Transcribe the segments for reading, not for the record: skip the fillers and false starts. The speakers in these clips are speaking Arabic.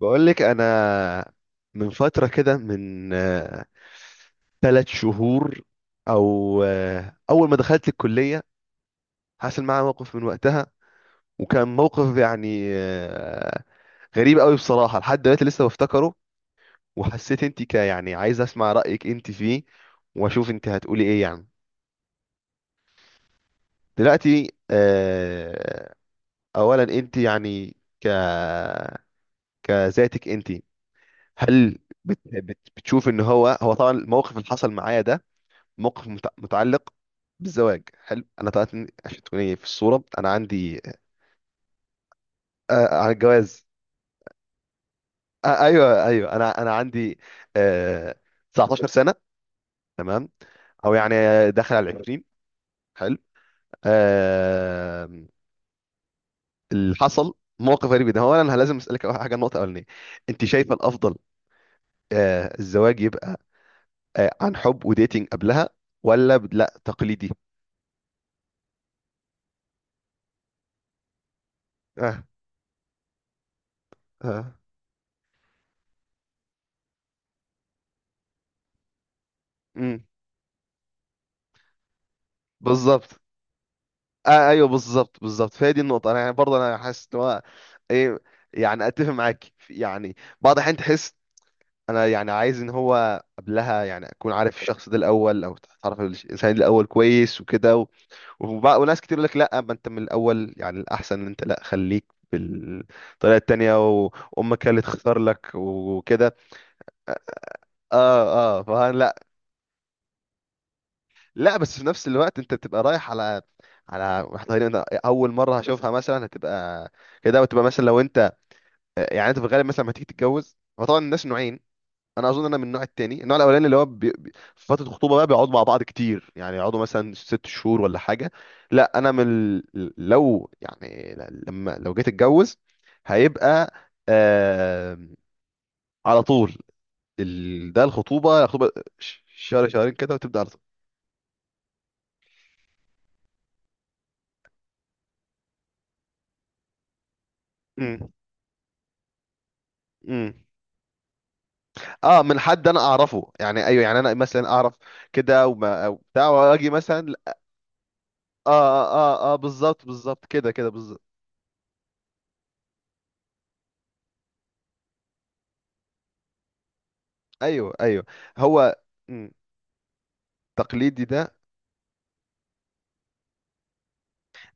بقول لك انا من فتره كده، من ثلاث شهور، او اول ما دخلت الكليه، حصل معايا موقف. من وقتها وكان موقف يعني غريب قوي بصراحه، لحد دلوقتي لسه بفتكره. وحسيت انت، يعني عايز اسمع رايك انت فيه، واشوف انت هتقولي ايه يعني. دلوقتي اولا انت يعني ك كذاتك انت، هل بتشوف ان هو، طبعا الموقف اللي حصل معايا ده، موقف متعلق بالزواج. حلو. انا طلعت عشان تكوني في الصوره، انا عندي على الجواز، ايوه ايوه، انا عندي آه 19 سنه. تمام. او يعني داخل على 20. حلو. آه اللي حصل موقف غريب جدا. هو انا، لازم اسالك أول حاجه، النقطه الاولانيه، انت شايفه الافضل الزواج يبقى عن حب وديتنج قبلها، ولا لا، تقليدي؟ اه اه، امم، بالظبط. ايوه، بالظبط بالظبط، فهي دي النقطه. انا يعني، برضه انا حاسس ان هو ايه، يعني اتفق معاك يعني بعض الاحيان تحس، انا يعني عايز ان هو قبلها يعني اكون عارف الشخص ده الاول، او تعرف الانسان ده الاول كويس وكده وناس كتير يقول لك لا، ما انت من الاول يعني الاحسن ان انت لا، خليك بالطريقه التانيه، وامك هي اللي تختار لك وكده. اه اه، فلا لا. لا، بس في نفس الوقت انت بتبقى رايح على واحده، تقريباً اول مره هشوفها مثلا هتبقى كده، وتبقى مثلا لو انت، يعني انت في الغالب مثلا لما تيجي تتجوز، هو طبعا الناس نوعين. انا اظن انا من النوع التاني. النوع الاولاني اللي هو في فتره الخطوبه بقى بيقعدوا مع بعض كتير، يعني يقعدوا مثلا ست شهور ولا حاجه. لا انا من لو يعني لما لو جيت اتجوز، هيبقى آه... على طول. ده الخطوبه، الخطوبه شهر شهرين كده وتبدا على طول. امم امم. اه، من حد انا اعرفه يعني، ايوه يعني انا مثلا اعرف كده، وما أو بتاع، واجي مثلا. اه اه اه، بالظبط بالظبط، كده كده بالظبط. ايوه ايوه، هو مم، تقليدي ده.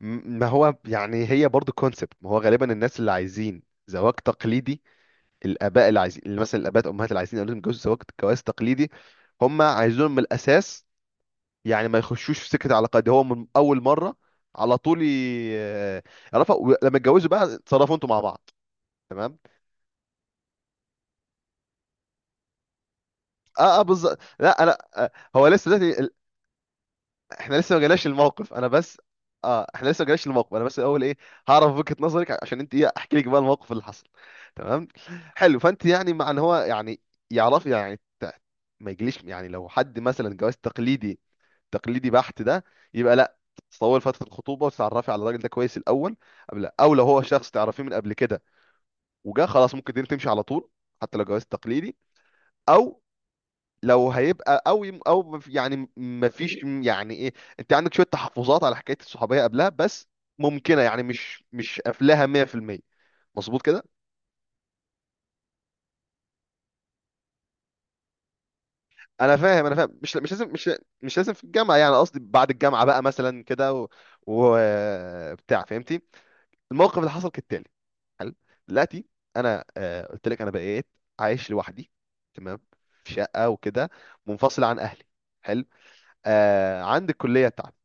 ما هو يعني هي برضو كونسبت، ما هو غالبا الناس اللي عايزين زواج تقليدي، الاباء اللي عايزين، اللي مثلا الاباء الامهات اللي عايزين اولادهم يتجوزوا زواج جواز تقليدي، هم عايزينهم من الاساس يعني ما يخشوش في سكه علاقات دي، هو من اول مره على طول يعرفها، ولما يتجوزوا بقى اتصرفوا انتوا مع بعض. تمام. اه اه بالظبط. لا انا هو لسه دلوقتي، احنا لسه ما جالناش الموقف، انا بس. اه، احنا لسه ما جالناش الموقف، انا بس الاول ايه، هعرف وجهة نظرك، عشان انت ايه احكي لك بقى الموقف اللي حصل. تمام. حلو. فانت يعني مع ان هو يعني يعرف يعني ما يجليش يعني، لو حد مثلا جواز تقليدي، تقليدي بحت ده، يبقى لا، تطول فترة الخطوبة وتتعرفي على الراجل ده كويس الاول. قبل، او لو هو شخص تعرفيه من قبل كده وجا، خلاص ممكن الدنيا تمشي على طول، حتى لو جواز تقليدي. او لو هيبقى قوي، او يعني مفيش. يعني ايه، انت عندك شويه تحفظات على حكايه الصحوبيه قبلها، بس ممكنه، يعني مش قافلاها 100%. مظبوط كده؟ انا فاهم، انا فاهم، مش لازم، مش لازم في الجامعه، يعني قصدي بعد الجامعه بقى مثلا كده و... بتاع، فهمتي. الموقف اللي حصل كالتالي. حلو. دلوقتي انا قلت لك انا بقيت عايش لوحدي. تمام. في شقه وكده، منفصل عن اهلي. حلو. عندي الكليه بتاعتي،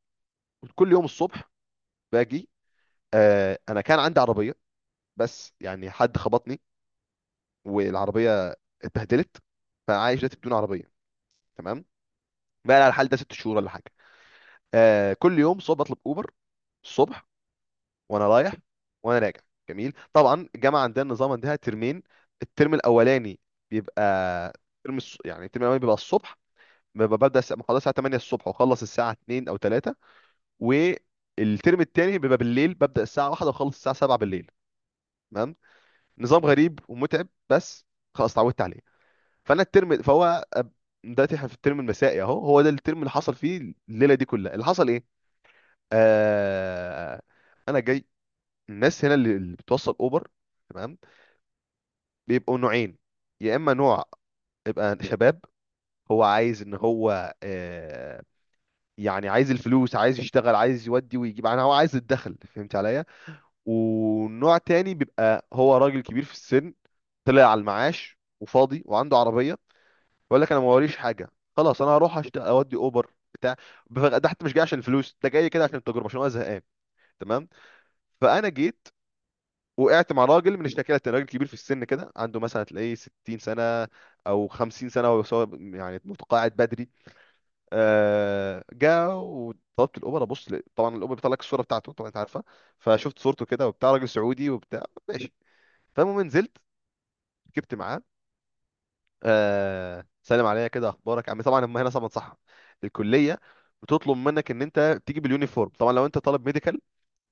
كل يوم الصبح باجي. انا كان عندي عربيه، بس يعني حد خبطني والعربيه اتبهدلت، فعايش دلوقتي بدون عربيه. تمام. بقى على الحال ده ست شهور ولا حاجه. كل يوم صبح بطلب اوبر، الصبح وانا رايح وانا راجع. جميل. طبعا الجامعه عندنا النظام عندها ترمين. الترم الاولاني بيبقى يعني الترم الاولاني بيبقى الصبح، ببدا محاضره الساعه 8 الصبح، واخلص الساعه 2 او 3. والترم الثاني بيبقى بالليل، ببدا الساعه 1 واخلص الساعه 7 بالليل. نظام غريب ومتعب، بس خلاص اتعودت عليه. فانا الترم فهو أب- دلوقتي احنا في الترم المسائي اهو، هو ده الترم اللي حصل فيه الليله دي كلها. اللي حصل ايه؟ آه... انا جاي. الناس هنا اللي بتوصل اوبر، تمام، بيبقوا نوعين. يا اما نوع يبقى شباب، هو عايز ان هو يعني عايز الفلوس، عايز يشتغل، عايز يودي ويجيب، يعني هو عايز الدخل، فهمت عليا. ونوع تاني بيبقى هو راجل كبير في السن، طلع على المعاش وفاضي وعنده عربية. بقول لك انا ما وريش حاجه، خلاص انا هروح اودي اوبر بتاع. ده حتى مش جاي عشان الفلوس، ده جاي كده عشان التجربه، عشان انا زهقان. تمام. فانا جيت وقعت مع راجل من الشكاله، راجل كبير في السن كده، عنده مثلا تلاقيه 60 سنه او 50 سنه، وهو سواق يعني متقاعد بدري. جا وطلبت الاوبر، ابص طبعا الاوبر بيطلع لك الصوره بتاعته، طبعا انت عارفه. فشفت صورته كده وبتاع، راجل سعودي وبتاع. ماشي. فالمهم نزلت ركبت معاه، سلم عليا كده، اخبارك عم. طبعا هم هنا طبعا صح، الكليه بتطلب منك ان انت تيجي باليونيفورم. طبعا لو انت طالب ميديكال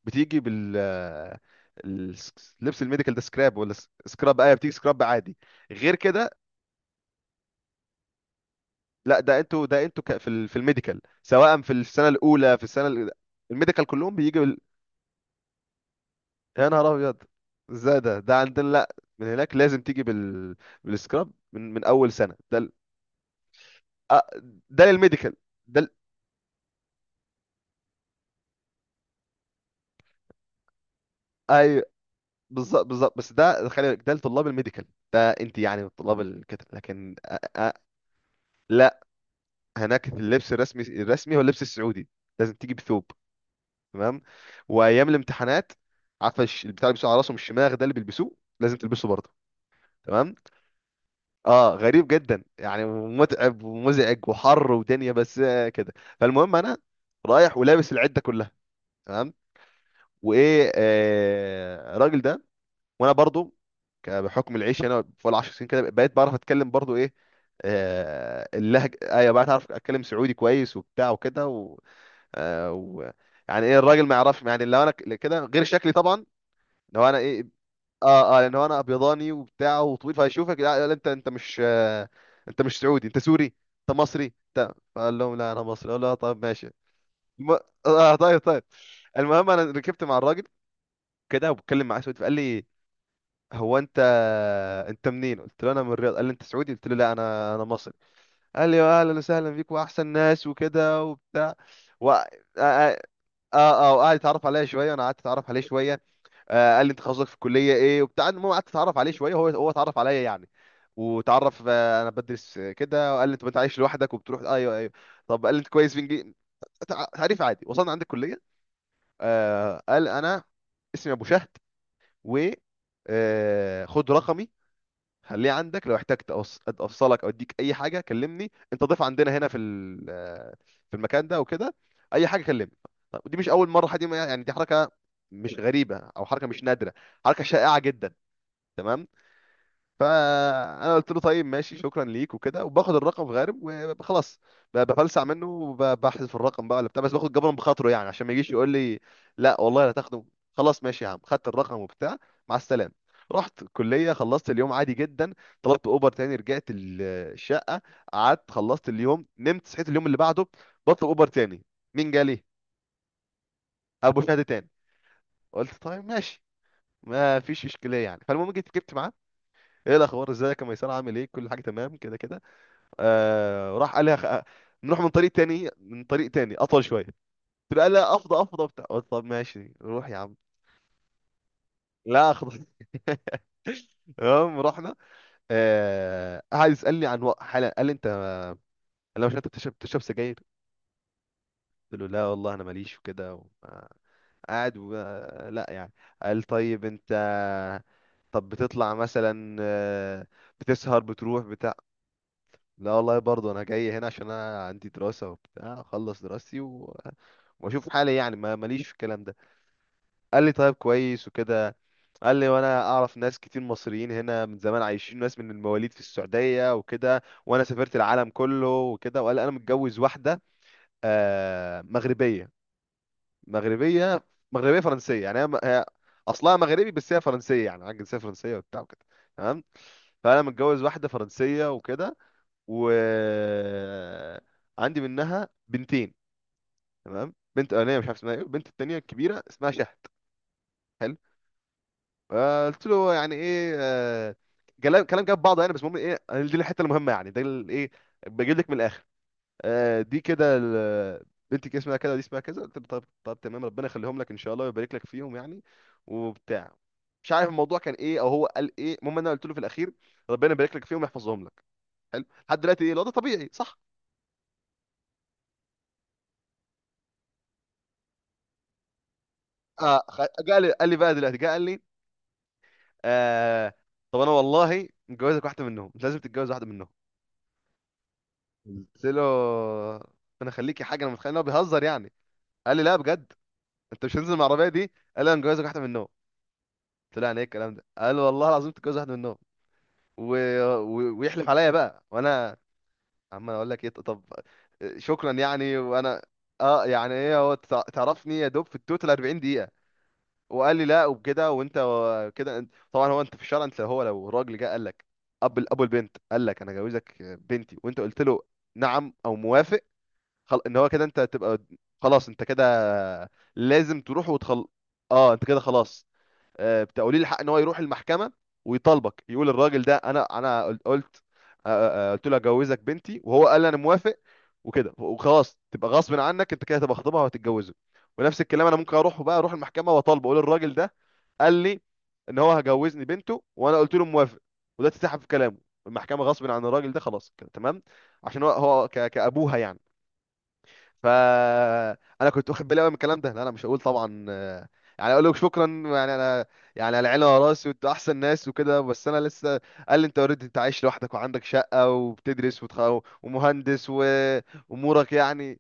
بتيجي لبس الميديكال ده سكراب، ولا سكراب ايه، بتيجي سكراب عادي. غير كده؟ لا ده انتوا، في الميديكال سواء في السنه الاولى، في السنه الميديكال كلهم بيجي يا نهار ابيض، ازاي ده؟ عندنا لا، من هناك لازم تيجي بالسكراب من اول سنه، آه، ده للميديكال. ده ال... أيوه. بالظبط بالظبط، بس ده خلي بالك، ده لطلاب الميديكال. ده انت يعني من طلاب الكتب، لكن أ... لا. هناك اللبس الرسمي، هو اللبس السعودي، لازم تيجي بثوب. تمام. وايام الامتحانات، عارفه البتاع اللي بيلبسوه على راسهم، الشماغ ده اللي بيلبسوه لازم تلبسه برضه. تمام. اه، غريب جدا يعني، متعب ومزعج وحر ودنيا، بس كده. فالمهم انا رايح ولابس العده كلها. تمام. وايه، الراجل ده، وانا برضو بحكم العيش هنا فوق العشر سنين كده، بقيت بعرف اتكلم برضو ايه، اللهجه، ايوه بقيت اعرف اتكلم سعودي كويس وبتاع وكده آه و... يعني ايه الراجل ما يعرفش يعني، لو انا كده غير شكلي طبعا، لو انا ايه، اه اه، لان هو انا ابيضاني وبتاع وطويل، فهيشوفك لا, لا، انت مش انت مش سعودي، انت سوري، انت مصري انت. فقال لهم لا انا مصري، اقول له طيب ماشي. الم... اه طيب طيب. المهم انا ركبت مع الراجل كده، وبتكلم معاه سعودي، فقال لي هو انت، انت منين؟ قلت له انا من الرياض. قال لي انت سعودي؟ قلت له لا، انا مصري. قال لي اهلا وسهلا بيك واحسن ناس، وكده وبتاع اه اه اه، وقعد يتعرف عليا شويه، وانا قعدت اتعرف عليه شويه. قال لي انت تخصصك في الكليه ايه وبتاع. المهم قعدت اتعرف عليه شويه، هو اتعرف عليا يعني، وتعرف انا بدرس كده. وقال لي انت عايش لوحدك وبتروح، ايوه ايوه. طب قال لي انت كويس في انجليزي. تعريف عادي. وصلنا عند الكليه، قال انا اسمي ابو شهد، و آه، خد رقمي، خليه عندك، لو احتجت افصلك او اديك اي حاجه كلمني، انت ضيف عندنا هنا في المكان ده وكده، اي حاجه كلمني. طب دي مش اول مره حد يعني، دي حركه مش غريبه او حركه مش نادره، حركه شائعه جدا. تمام. فانا قلت له طيب ماشي، شكرا ليك وكده، وباخد الرقم في غارب وخلاص. بفلسع منه وبحذف الرقم بقى ولا بتاع، بس باخد جبرا بخاطره يعني، عشان ما يجيش يقول لي لا والله لا تاخده. خلاص ماشي يا عم، خدت الرقم وبتاع، مع السلامه. رحت الكليه، خلصت اليوم عادي جدا. طلبت اوبر تاني، رجعت الشقه، قعدت خلصت اليوم، نمت. صحيت اليوم اللي بعده، بطلب اوبر تاني، مين جالي؟ ابو شهد تاني. قلت طيب ماشي، ما فيش اشكاليه يعني. فالمهم جيت ركبت معاه، ايه الاخبار ازيك يا ميسان، عامل ايه، كل حاجه تمام كده كده. راح قال لي نروح من طريق تاني، من طريق تاني اطول شويه. قلت له، قال لا افضى افضى بتاع. قلت طب ماشي روح يا عم. لا اخضر. المهم رحنا. قعد يسالني عن حاله، قال لي انت، لو مش انت، بتشرب سجاير؟ قلت له لا والله انا ماليش وكده قاعد لا، يعني قال طيب انت، طب بتطلع مثلا بتسهر بتروح بتاع. لا والله، برضه انا جاي هنا عشان انا عندي دراسة وبتاع، اخلص دراستي واشوف حالي. يعني ما ماليش في الكلام ده. قال لي طيب، كويس وكده. قال لي وانا اعرف ناس كتير مصريين هنا من زمان، عايشين ناس من المواليد في السعودية وكده، وانا سافرت العالم كله وكده. وقال لي انا متجوز واحدة مغربية، مغربية، مغربية فرنسية، يعني هي هي اصلها مغربي بس هي فرنسية، يعني عندها جنسية فرنسية وبتاع وكده. تمام. فانا متجوز واحدة فرنسية وكده، وعندي منها بنتين. تمام، بنت اولانيه مش عارف اسمها ايه، البنت التانية الكبيرة اسمها شهد. حلو. قلت له يعني ايه. كلام كلام جاب بعضه يعني. بس المهم ايه، دي الحته المهمه يعني، ايه، بجيب لك من الاخر. آه، دي كده ال- بنتك اسمها كده، دي اسمها كذا. قلت له طب تمام، ربنا يخليهم لك ان شاء الله، ويبارك لك فيهم يعني وبتاع. مش عارف الموضوع كان ايه او هو قال ايه، المهم انا قلت له في الاخير ربنا يبارك لك فيهم ويحفظهم لك. حلو. لحد دلوقتي ايه الوضع؟ طبيعي صح. جه لي قال لي بقى دلوقتي، جه قال لي آه، طب انا والله متجوزك واحده منهم، مش لازم تتجوز واحده منهم. قلت له انا خليكي حاجه، انا متخيل ان هو بيهزر يعني. قال لي لا، بجد انت مش هتنزل مع العربيه دي. قال لي انا مجوزك واحده من النوم. قلت له يعني ايه الكلام ده؟ قال والله العظيم تتجوز واحده من النوم. و... ويحلف عليا بقى، وانا عمال اقول لك ايه طب شكرا يعني. وانا اه يعني ايه، هو تعرفني يا دوب في التوتال 40 دقيقه، وقال لي لا وبكده، وانت كده طبعا هو انت في الشارع، انت هو لو راجل جه قال لك، ابو البنت قال لك انا جوزك بنتي وانت قلت له نعم او موافق، ان هو كده انت تبقى، خلاص انت كده لازم تروح وتخل. اه انت كده خلاص. آه بتقولي الحق ان هو يروح المحكمه ويطالبك، يقول الراجل ده قلت آه، قلت له اجوزك بنتي وهو قال انا موافق وكده وخلاص، تبقى غصب عنك، انت كده تبقى خطيبها وهتتجوزه. ونفس الكلام انا ممكن اروح بقى، اروح المحكمه واطالبه، اقول الراجل ده قال لي ان هو هجوزني بنته وانا قلت له موافق، وده اتسحب في كلامه. المحكمه غصب عن الراجل ده، خلاص كده تمام. عشان هو كابوها يعني. فانا كنت واخد بالي قوي من الكلام ده، لا انا مش هقول طبعا يعني اقول لك شكرا يعني، انا يعني على عيني وعلى راسي وانتوا احسن ناس وكده، بس انا لسه. قال لي انت اوريدي، انت عايش لوحدك وعندك شقه وبتدرس ومهندس وامورك يعني.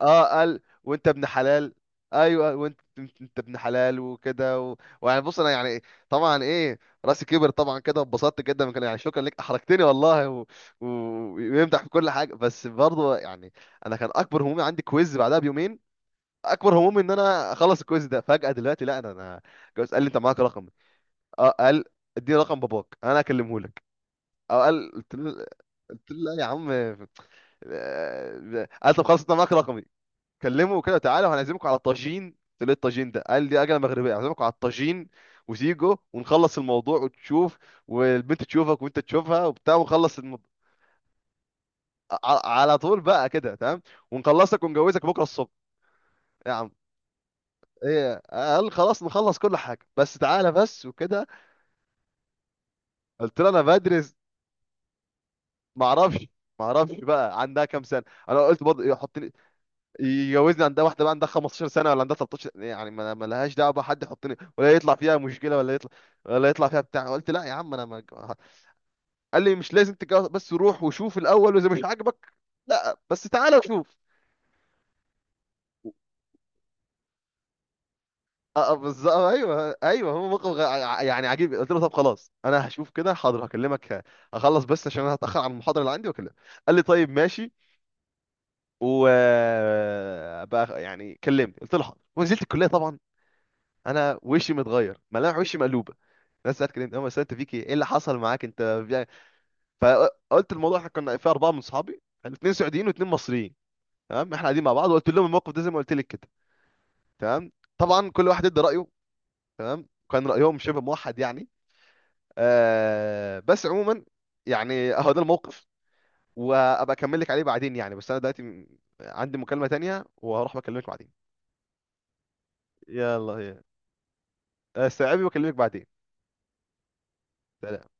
اه قال وانت ابن حلال. ايوه، وانت انت ابن حلال وكده و... ويعني بص انا يعني طبعا ايه، راسي كبر طبعا كده، واتبسطت جدا من كان، يعني شكرا ليك، احرجتني والله و... ويمدح في كل حاجه. بس برضه يعني انا كان اكبر همومي عندي كويز بعدها بيومين، اكبر همومي ان انا اخلص الكويز ده، فجاه دلوقتي لا، انا جوز. قال لي انت معاك رقم؟ اه قال اديني رقم باباك انا اكلمه لك. اه قال، قلت له، قلت له لا يا عم. قال طب خلاص انت معاك رقمي، كلمه كده تعالى وهنعزمكم على طاجين. قلت له إيه الطاجين ده؟ قال لي اكله مغربيه، هعزمكم على الطاجين وزيجو، ونخلص الموضوع وتشوف، والبنت تشوفك وانت تشوفها وبتاع ونخلص على طول بقى كده تمام، ونخلصك ونجوزك بكره الصبح يا عم. ايه، قال خلاص نخلص كل حاجه، بس تعالى بس وكده. قلت له انا بدرس. ما اعرفش، ما اعرفش بقى عندها كام سنه، انا قلت برضه يحطني يجوزني، عندها واحده بقى عندها 15 سنه ولا عندها 13، يعني ما لهاش دعوه بقى، حد يحطني ولا يطلع فيها مشكله، ولا يطلع، ولا يطلع فيها بتاع. قلت لا يا عم انا ما. قال لي مش لازم تتجوز، بس روح وشوف الاول، واذا مش عاجبك، لا بس تعالى وشوف. اه بالظبط، ايوه ايوه، هو موقف يعني عجيب. قلت له طب خلاص انا هشوف كده، حاضر هكلمك، اخلص بس عشان انا هتاخر على المحاضره اللي عندي واكلمك. قال لي طيب ماشي، و بقى يعني كلمني. قلت له حاضر، ونزلت الكليه طبعا انا وشي متغير ملامح، وشي مقلوبه. ناس سالت كده، هم سالت فيك ايه، إيه اللي حصل معاك انت؟ بيع- فقلت الموضوع، احنا كنا في اربعه من اصحابي، اثنين سعوديين واثنين مصريين. تمام، احنا قاعدين مع بعض، وقلت لهم الموقف ده زي ما قلت لك كده. تمام، طبعا كل واحد ادى رايه. تمام، كان رايهم شبه موحد يعني آه. بس عموما يعني اهو ده الموقف، وابقى اكمل لك عليه بعدين يعني. بس انا دلوقتي عندي مكالمه تانية، وهروح بكلمك بعدين. يلا هي استوعبي واكلمك بعدين. سلام.